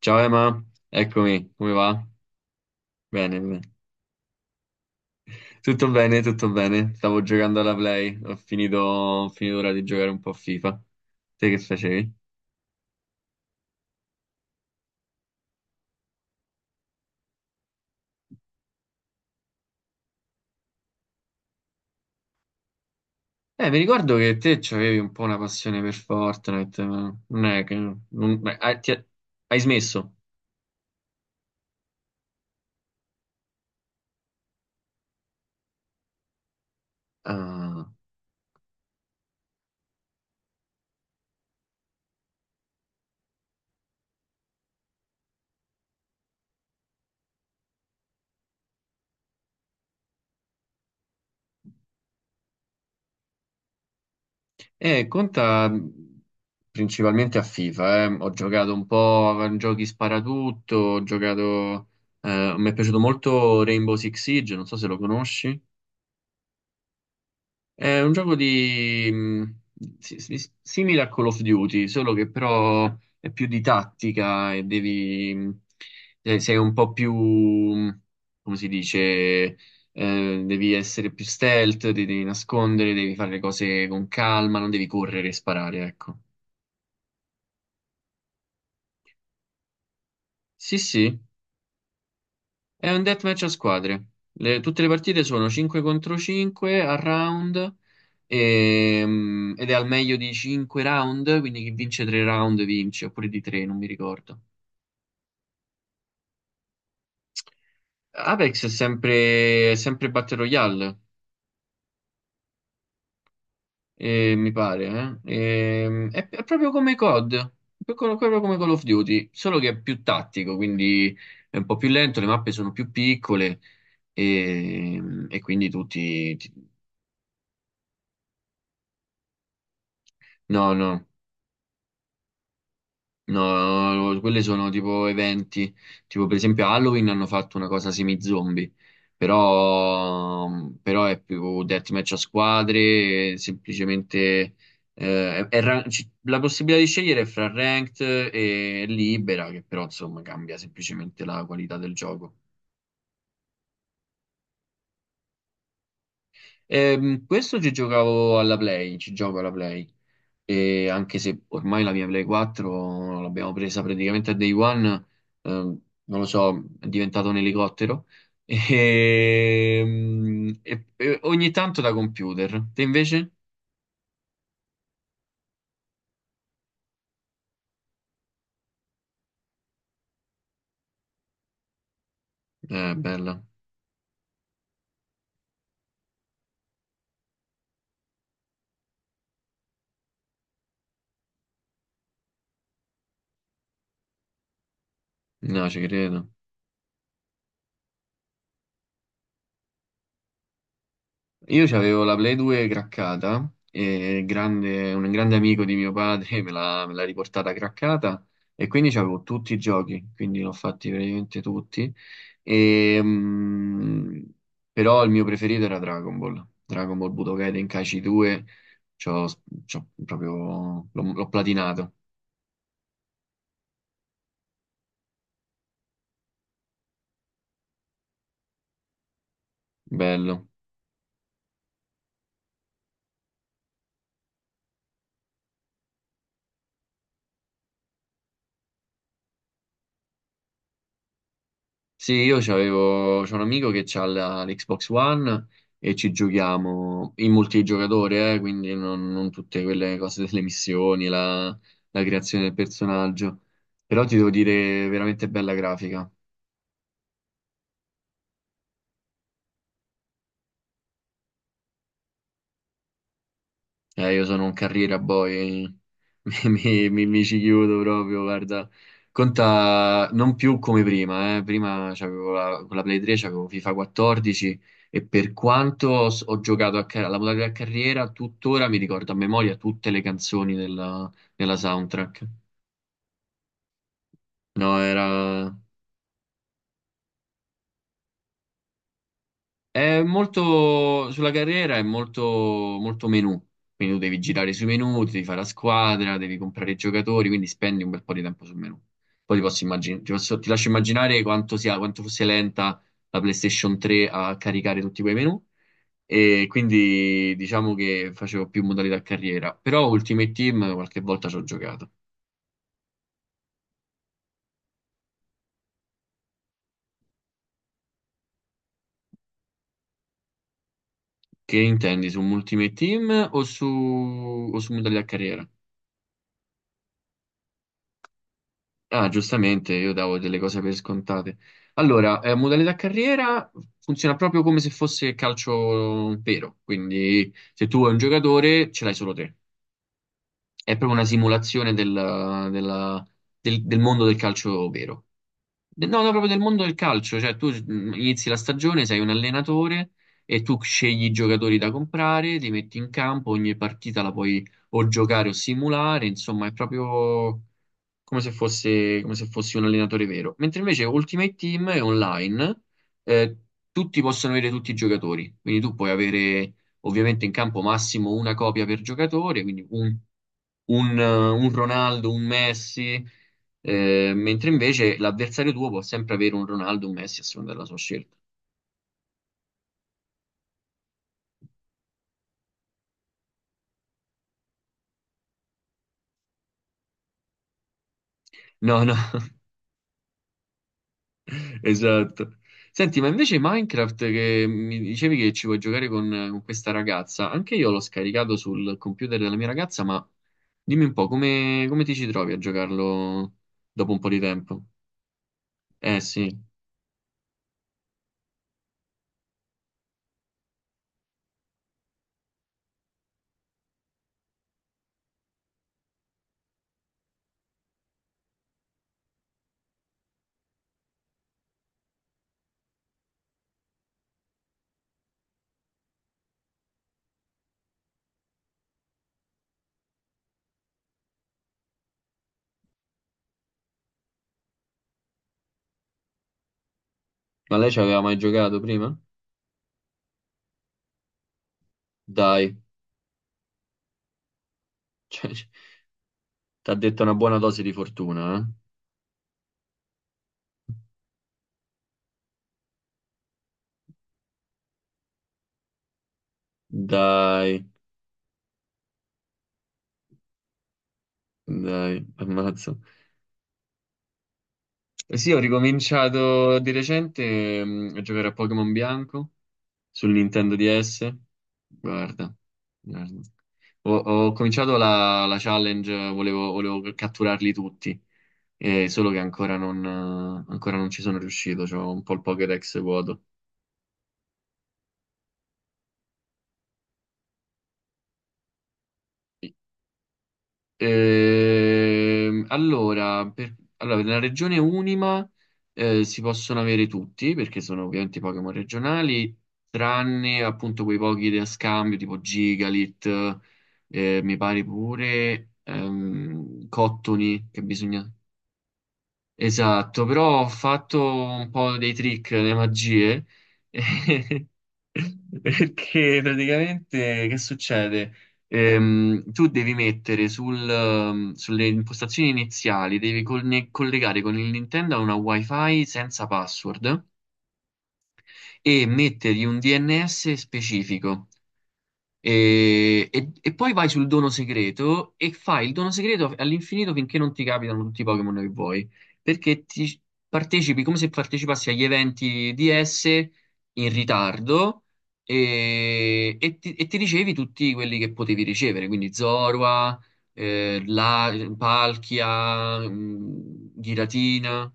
Ciao Emma, eccomi, come va? Bene, bene. Tutto bene, tutto bene. Stavo giocando alla Play, ho finito ora di giocare un po' a FIFA. Te che facevi? Mi ricordo che te avevi un po' una passione per Fortnite, ma non è che... non- beh, hai smesso? Ah. Conta principalmente a FIFA, eh. Ho giocato un po' a giochi sparatutto, mi è piaciuto molto Rainbow Six Siege, non so se lo conosci. È un gioco di simile a Call of Duty, solo che però è più di tattica e sei un po' più come si dice devi essere più stealth, ti devi nascondere, devi fare le cose con calma, non devi correre e sparare, ecco. Sì, sì, è un deathmatch a squadre. Tutte le partite sono 5 contro 5 a round. Ed è al meglio di 5 round, quindi chi vince 3 round vince, oppure di 3, non mi ricordo. Apex è sempre Battle Royale, mi pare, È proprio come COD, proprio come Call of Duty, solo che è più tattico, quindi è un po' più lento, le mappe sono più piccole e, e quindi tutti... No, no. No, no, quelli sono tipo eventi, tipo per esempio Halloween hanno fatto una cosa semi-zombie, però è più deathmatch a squadre, e semplicemente la possibilità di scegliere è fra ranked e libera, che però insomma cambia semplicemente la qualità del gioco. Questo ci giocavo alla Play, ci gioco alla Play. E anche se ormai la mia Play 4 l'abbiamo presa praticamente a day one, non lo so, è diventato un elicottero. E, e ogni tanto da computer. Te invece? Bella. No, ci credo. Io avevo la Play 2 craccata e un grande amico di mio padre me l'ha riportata craccata e quindi c'avevo tutti i giochi, quindi l'ho fatti praticamente tutti. E, però il mio preferito era Dragon Ball, Dragon Ball Budokai Tenkaichi 2, c'ho, c'ho proprio, l'ho platinato, bello. Sì, io c'ho un amico che ha l'Xbox One e ci giochiamo in multigiocatore, quindi non tutte quelle cose delle missioni, la creazione del personaggio. Però ti devo dire, veramente bella grafica. Io sono un carriera boy, mi ci chiudo proprio, guarda. Conta non più come prima, eh. Prima con la Play 3 c'avevo FIFA 14 e per quanto ho giocato alla modalità carriera, tuttora mi ricordo a memoria tutte le canzoni della soundtrack. No, era... È molto sulla carriera, è molto, molto menu, quindi tu devi girare sui menu, ti devi fare la squadra, devi comprare i giocatori, quindi spendi un bel po' di tempo sul menu. Poi ti posso immaginare, ti lascio immaginare quanto sia, quanto fosse lenta la PlayStation 3 a caricare tutti quei menu e quindi diciamo che facevo più modalità carriera, però Ultimate Team qualche volta ci ho giocato. Che intendi su Ultimate Team o su modalità carriera? Ah, giustamente, io davo delle cose per scontate. Allora, modalità carriera funziona proprio come se fosse calcio vero, quindi se tu hai un giocatore ce l'hai solo te. È proprio una simulazione della- del mondo del calcio vero. No, no, proprio del mondo del calcio, cioè tu inizi la stagione, sei un allenatore e tu scegli i giocatori da comprare, li metti in campo, ogni partita la puoi o giocare o simulare, insomma è proprio come se fossi un allenatore vero. Mentre invece Ultimate Team è online, eh, tutti possono avere tutti i giocatori, quindi tu puoi avere ovviamente in campo massimo una copia per giocatore, quindi un Ronaldo, un Messi. Mentre invece l'avversario tuo può sempre avere un Ronaldo, un Messi a seconda della sua scelta. No, no, esatto. Senti, ma invece Minecraft che mi dicevi che ci vuoi giocare con questa ragazza, anche io l'ho scaricato sul computer della mia ragazza, ma dimmi un po' come ti ci trovi a giocarlo dopo un po' di tempo? Eh sì, ma lei ci aveva mai giocato prima? Dai, cioè, ti ha detto una buona dose di fortuna, eh? Dai, dai, ammazza. Eh sì, ho ricominciato di recente a giocare a Pokémon Bianco sul Nintendo DS. Guarda, guarda. Ho cominciato la challenge, volevo catturarli tutti, solo che ancora non ci sono riuscito, c'ho un po' il Pokédex vuoto. Allora, per la regione Unima, si possono avere tutti, perché sono ovviamente i Pokémon regionali, tranne appunto quei pochi da scambio, tipo Gigalit, mi pare pure Cottony, che bisogna... Esatto, però ho fatto un po' dei trick, delle magie. Perché praticamente che succede? Tu devi mettere sulle impostazioni iniziali, devi collegare con il Nintendo a una WiFi senza password e mettergli un DNS specifico. E, e poi vai sul dono segreto e fai il dono segreto all'infinito finché non ti capitano tutti i Pokémon che vuoi. Perché ti partecipi come se partecipassi agli eventi DS in ritardo e, e ti ricevi tutti quelli che potevi ricevere, quindi Zorua, eh, la, Palkia, Giratina.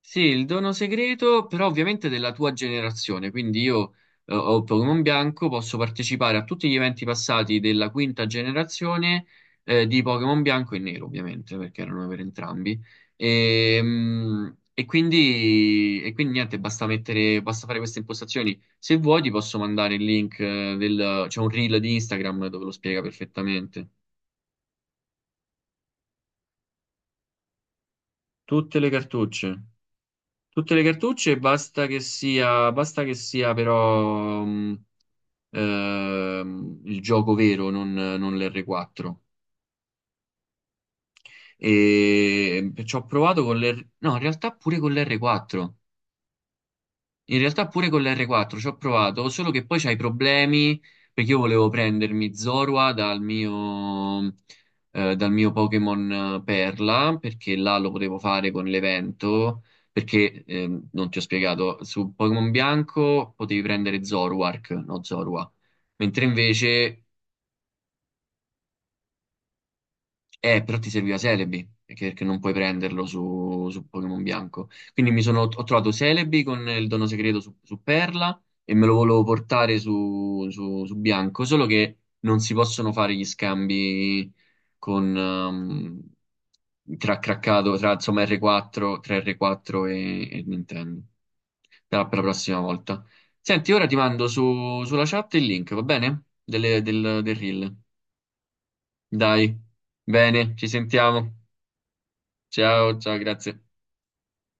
Sì, il dono segreto, però ovviamente della tua generazione, quindi io ho Pokémon Bianco, posso partecipare a tutti gli eventi passati della quinta generazione, di Pokémon Bianco e Nero, ovviamente, perché erano per entrambi. E, e quindi niente, basta fare queste impostazioni. Se vuoi ti posso mandare il link, c'è un reel di Instagram dove lo spiega perfettamente. Tutte le cartucce. Tutte le cartucce, basta che sia però il gioco vero, non l'R4. E ci ho provato con l'R... No, in realtà pure con l'R4. In realtà pure con l'R4 ci ho provato, solo che poi c'hai problemi perché io volevo prendermi Zorua dal mio Pokémon, Perla, perché là lo potevo fare con l'evento, perché non ti ho spiegato, su Pokémon Bianco potevi prendere Zoruark, no Zorua, mentre invece eh, però ti serviva Celebi, perché non puoi prenderlo su Pokémon Bianco. Quindi ho trovato Celebi con il dono segreto su Perla e me lo volevo portare su Bianco, solo che non si possono fare gli scambi tra craccato, tra insomma R4, tra R4 e Nintendo. Per la prossima volta. Senti, ora ti mando sulla chat il link, va bene? Del reel. Dai, bene, ci sentiamo. Ciao, ciao, grazie.